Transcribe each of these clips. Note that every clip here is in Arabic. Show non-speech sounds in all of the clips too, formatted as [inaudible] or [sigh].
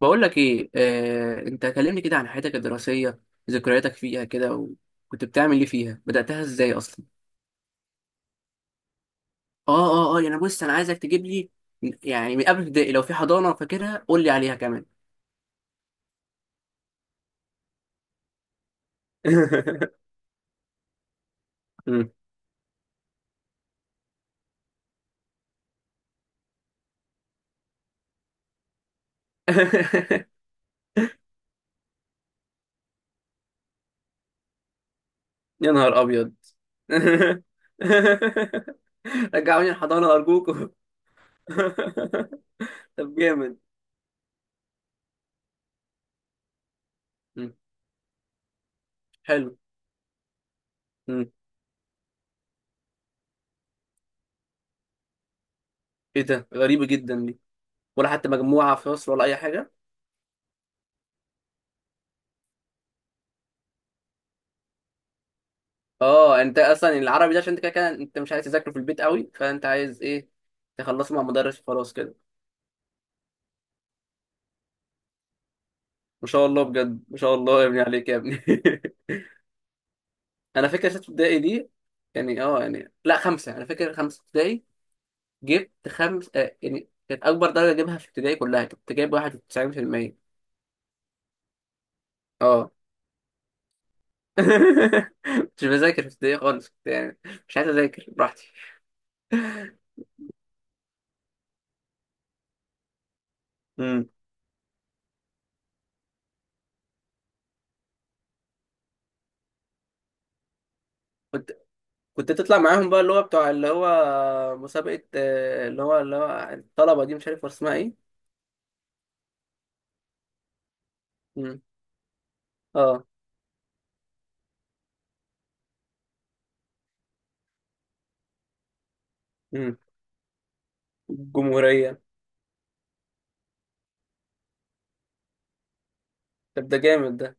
بقول لك ايه، انت كلمني كده عن حياتك الدراسيه، ذكرياتك فيها كده. وكنت بتعمل ايه فيها؟ بداتها ازاي اصلا؟ اه اه يعني بص، انا عايزك تجيب لي يعني من قبل ابتدائي، لو في حضانه فاكرها قول لي عليها كمان. [laughs] مم. [laughs] يا نهار ابيض. [laughs] رجعوني الحضانه ارجوكم. [laughs] طب جامد. مم. حلو. مم. ايه ده؟ غريبه جدا دي. ولا حتى مجموعه في فصل ولا اي؟ اه، انت اصلا العربي ده عشان انت كده كده انت مش عايز تذاكره في البيت قوي، فانت عايز ايه؟ تخلصه مع مدرس وخلاص كده. ما شاء الله بجد، ما شاء الله يا ابني عليك يا ابني. [laughs] انا فاكر سته ابتدائي دي، يعني لا خمسه، انا فاكر خمسه ابتدائي جبت خمس، يعني كانت اكبر درجه اجيبها في ابتدائي كلها، كنت جايب 91%. اه. [laughs] مش بذاكر في ابتدائي خالص، كنت يعني مش عايز اذاكر، براحتي. امم. كنت تطلع معاهم بقى، اللي هو بتوع اللي هو مسابقة، اللي هو اللي هو الطلبة دي، مش عارف اسمها ايه. مم. اه. مم. الجمهورية. طب ده جامد ده.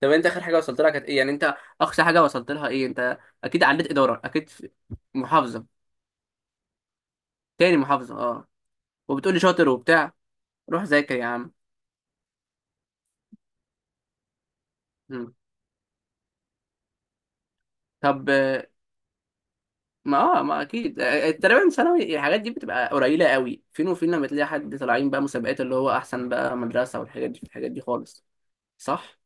طب انت اخر حاجة وصلت لها كانت ايه يعني؟ انت اقصى حاجة وصلت لها ايه انت؟ اكيد عديت ادارة، اكيد في محافظة. تاني محافظة اه. وبتقولي شاطر وبتاع، روح ذاكر يا عم. مم. طب، ما اكيد، تقريبا ثانوي الحاجات دي بتبقى قليلة قوي، فين وفين لما تلاقي حد طالعين بقى مسابقات اللي هو احسن بقى مدرسة والحاجات دي، الحاجات دي خالص. صح.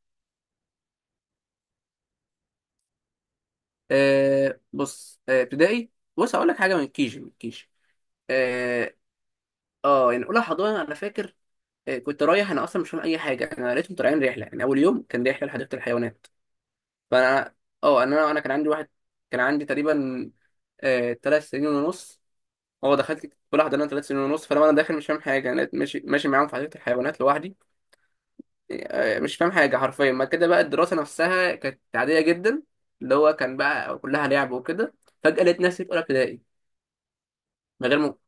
بص، ابتدائي، بص هقول لك حاجه، من كيجي. من كيجي اه. يعني اولى حضانه انا فاكر، كنت رايح انا اصلا مش فاهم اي حاجه، انا لقيتهم طالعين رحله، يعني اول يوم كان رحله لحديقه الحيوانات. فانا، انا كان عندي واحد، كان عندي تقريبا ثلاث سنين ونص. هو دخلت اولى حضانه ثلاث سنين ونص، فلما انا داخل مش فاهم حاجه، انا لقيت ماشي ماشي معاهم في حديقه الحيوانات لوحدي. مش فاهم حاجه حرفيا. ما كده بقى الدراسه نفسها كانت عاديه جدا، اللي هو كان بقى كلها لعب وكده. فجاه لقيت نفسي في اولى ابتدائي من غير ممكن.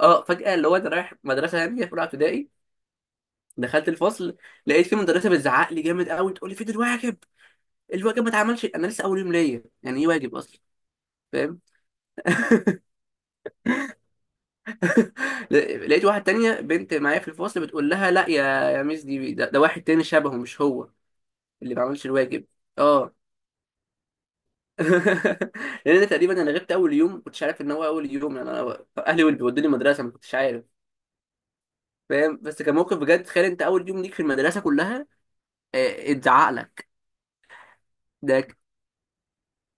اه، فجأة اللي هو انا رايح مدرسة يعني في رابعة ابتدائي، دخلت الفصل، لقيت في مدرسة بتزعق لي جامد قوي، تقول لي فين الواجب. الواجب ما اتعملش، انا لسه اول يوم ليا، يعني ايه واجب اصلا؟ فاهم؟ [laughs] لقيت واحد تانية بنت معايا في الفصل بتقول لها: لا يا، يا ميس دي، ده واحد تاني شبهه مش هو اللي ما عملش الواجب. اه. [laughs] لان انا تقريبا انا غبت اول يوم، ما كنتش عارف ان هو اول يوم، يعني انا اهلي واللي بيودوني المدرسه ما كنتش عارف. فاهم؟ بس كان موقف بجد، تخيل انت اول يوم ليك في المدرسه كلها اتزعق لك. ده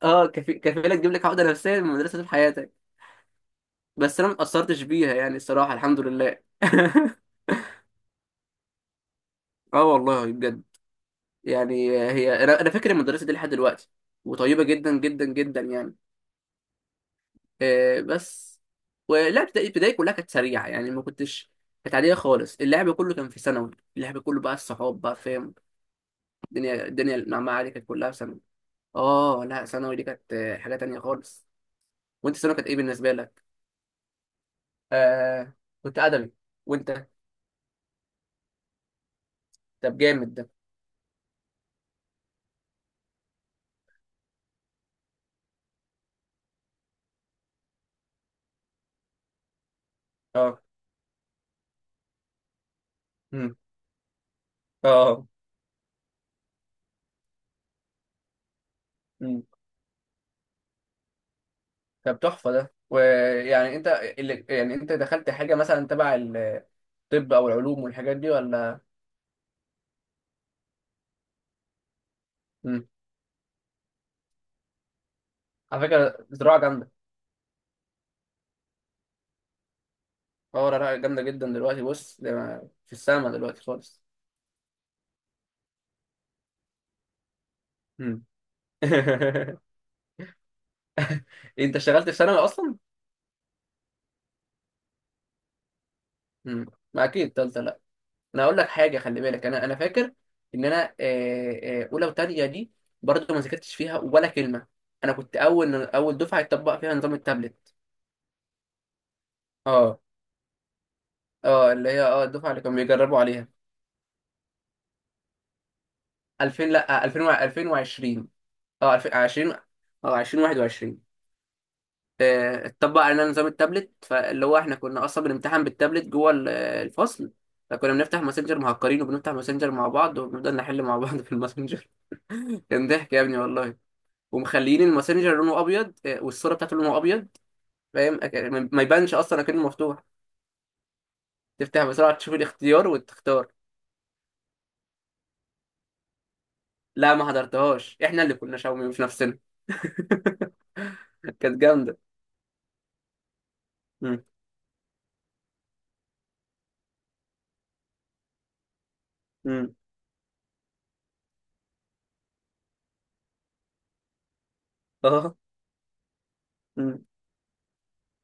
اه كفيله تجيب لك عقده نفسيه من المدرسه طول حياتك. بس انا ما اتاثرتش بيها يعني، الصراحه الحمد لله. [laughs] اه والله بجد، يعني هي انا، انا فاكر المدرسه دي لحد دلوقتي، وطيبه جدا جدا جدا يعني. بس ولا ابتدائي، ابتدائي كلها كانت سريعه، يعني ما كنتش، كانت عاديه خالص. اللعب كله كان في ثانوي، اللعب كله بقى الصحاب بقى، فاهم؟ الدنيا، المعمعه دي كانت كلها في ثانوي. اه، لا ثانوي دي كانت حاجه تانية خالص. وانت ثانوي كانت ايه بالنسبه لك؟ آه كنت ادبي. وانت؟ طب جامد ده. اه. امم. اه اه، امم. طب تحفه ده. ويعني انت، اللي يعني انت دخلت حاجه مثلا تبع الطب او العلوم والحاجات دي ولا؟ امم. على فكره زراعه جامده. اه، زراعه جامده جدا دلوقتي، بص ده في السما دلوقتي خالص. امم. [laughs] انت اشتغلت في ثانوي اصلا؟ امم. ما اكيد تالتة لا. انا اقول لك حاجه خلي بالك، انا فاكر ان انا، اولى وتانية دي برضه ما ذاكرتش فيها ولا كلمه. انا كنت اول دفعه يطبق فيها نظام التابلت. اه. اه، اللي هي اه الدفعه اللي كانوا بيجربوا عليها. 2000، لا 2000 2020. اه 2000 20. اه 2021. اتطبق علينا نظام التابلت، فاللي هو احنا كنا اصلا بنمتحن بالتابلت جوه الفصل. فكنا بنفتح ماسنجر مهكرين، وبنفتح ماسنجر مع بعض، وبنفضل نحل مع بعض في الماسنجر. [laughs] كان ضحك يا ابني والله. ومخليين الماسنجر لونه ابيض، والصوره بتاعته لونه ابيض، فاهم؟ ما يبانش اصلا اكنه مفتوح، تفتح بسرعه تشوف الاختيار وتختار. لا ما حضرتهاش، احنا اللي كنا شاومي مش نفسنا. [laughs] كانت جامده. امم. اه. امم.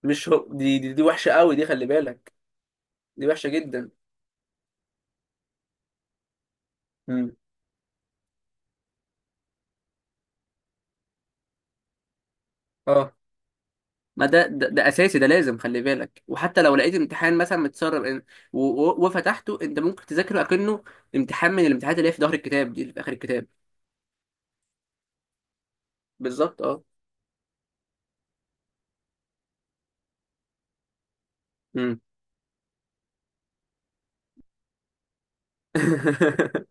مش هو دي، دي وحشه قوي دي خلي بالك. دي وحشه جدا. امم. اه، ما ده اساسي ده، لازم خلي بالك، وحتى لو لقيت امتحان مثلا متسرب إن وفتحته، انت ممكن تذاكره اكنه امتحان من الامتحانات اللي هي في ظهر الكتاب دي، اللي في اخر الكتاب. بالظبط اه. امم. [laughs]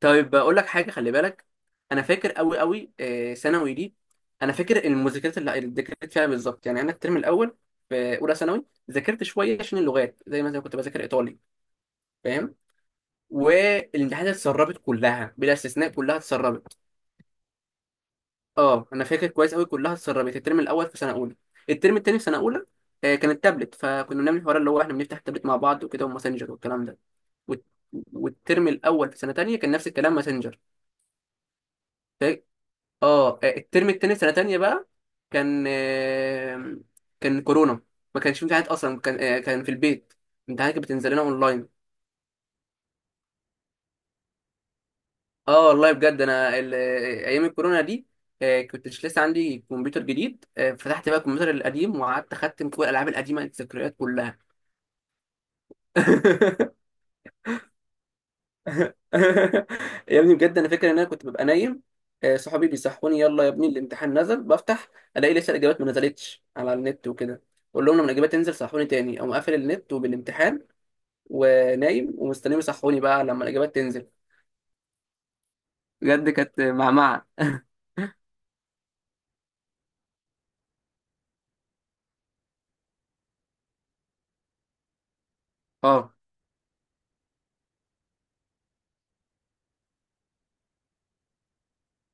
طيب اقول لك حاجه خلي بالك، انا فاكر قوي قوي، ثانوي دي انا فاكر المذاكرات اللي ذاكرت فيها بالظبط يعني. انا الترم الاول في اولى ثانوي ذاكرت شويه عشان اللغات، زي مثلا كنت بذاكر ايطالي، فاهم؟ والامتحانات اتسربت كلها بلا استثناء، كلها اتسربت. اه انا فاكر كويس قوي، كلها اتسربت. الترم الاول في سنه اولى، الترم التاني في سنه اولى، كان التابلت، فكنا بنعمل الحوار اللي هو احنا بنفتح التابلت مع بعض وكده، وماسنجر والكلام ده. والت- والترم الاول في سنه تانية كان نفس الكلام، ماسنجر. فا- اه الترم التاني في سنه تانية بقى كان كان كورونا. ما كانش في امتحانات اصلا، كان كان في البيت، امتحانات كانت بتنزل لنا اونلاين. اه والله بجد، انا ايام الكورونا دي، كنت مش لسه عندي كمبيوتر جديد، فتحت بقى الكمبيوتر القديم وقعدت اختم كل الالعاب القديمه، الذكريات كلها. [laughs] يا ابني بجد، انا فاكر ان انا كنت ببقى نايم، صحابي بيصحوني: يلا يا ابني الامتحان نزل. بفتح الاقي لسه الاجابات ما نزلتش على النت وكده، اقول لهم لما الاجابات تنزل صحوني تاني، اقوم قافل النت وبالامتحان ونايم ومستنيهم يصحوني بقى لما الاجابات تنزل. بجد كانت معمعه. اه.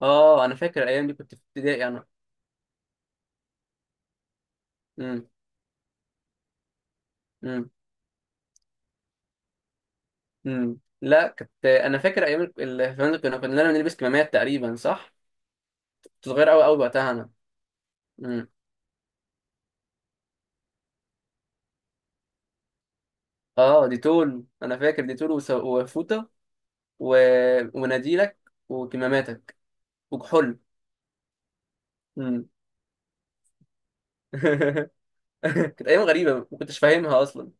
اه انا فاكر الايام دي كنت في ابتدائي، انا. امم. امم، لا كنت انا فاكر ايام الفنادق، كنا بنلبس كمامات تقريبا، صح؟ كنت صغير قوي قوي وقتها انا. امم. اه دي تول، انا فاكر دي تول وفوطه و... ومناديلك وكماماتك وكحول. امم. [laughs] كانت ايام غريبه ما كنتش فاهمها اصلا.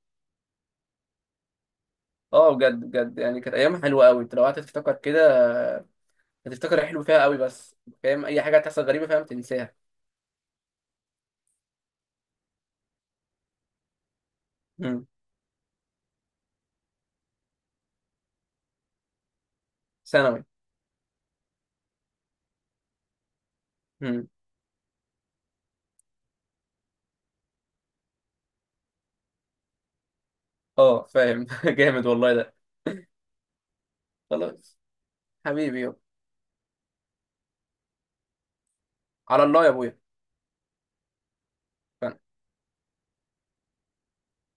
اه بجد بجد، يعني كانت ايام حلوه قوي، انت لو قعدت تفتكر كده هتفتكر الحلو فيها قوي بس، فاهم؟ اي حاجه هتحصل غريبه، فاهم، تنساها. امم. ثانوي. امم. اه فاهم. [laughs] جامد والله ده. خلاص. حبيبي يابا. على الله يا ابويا. ف-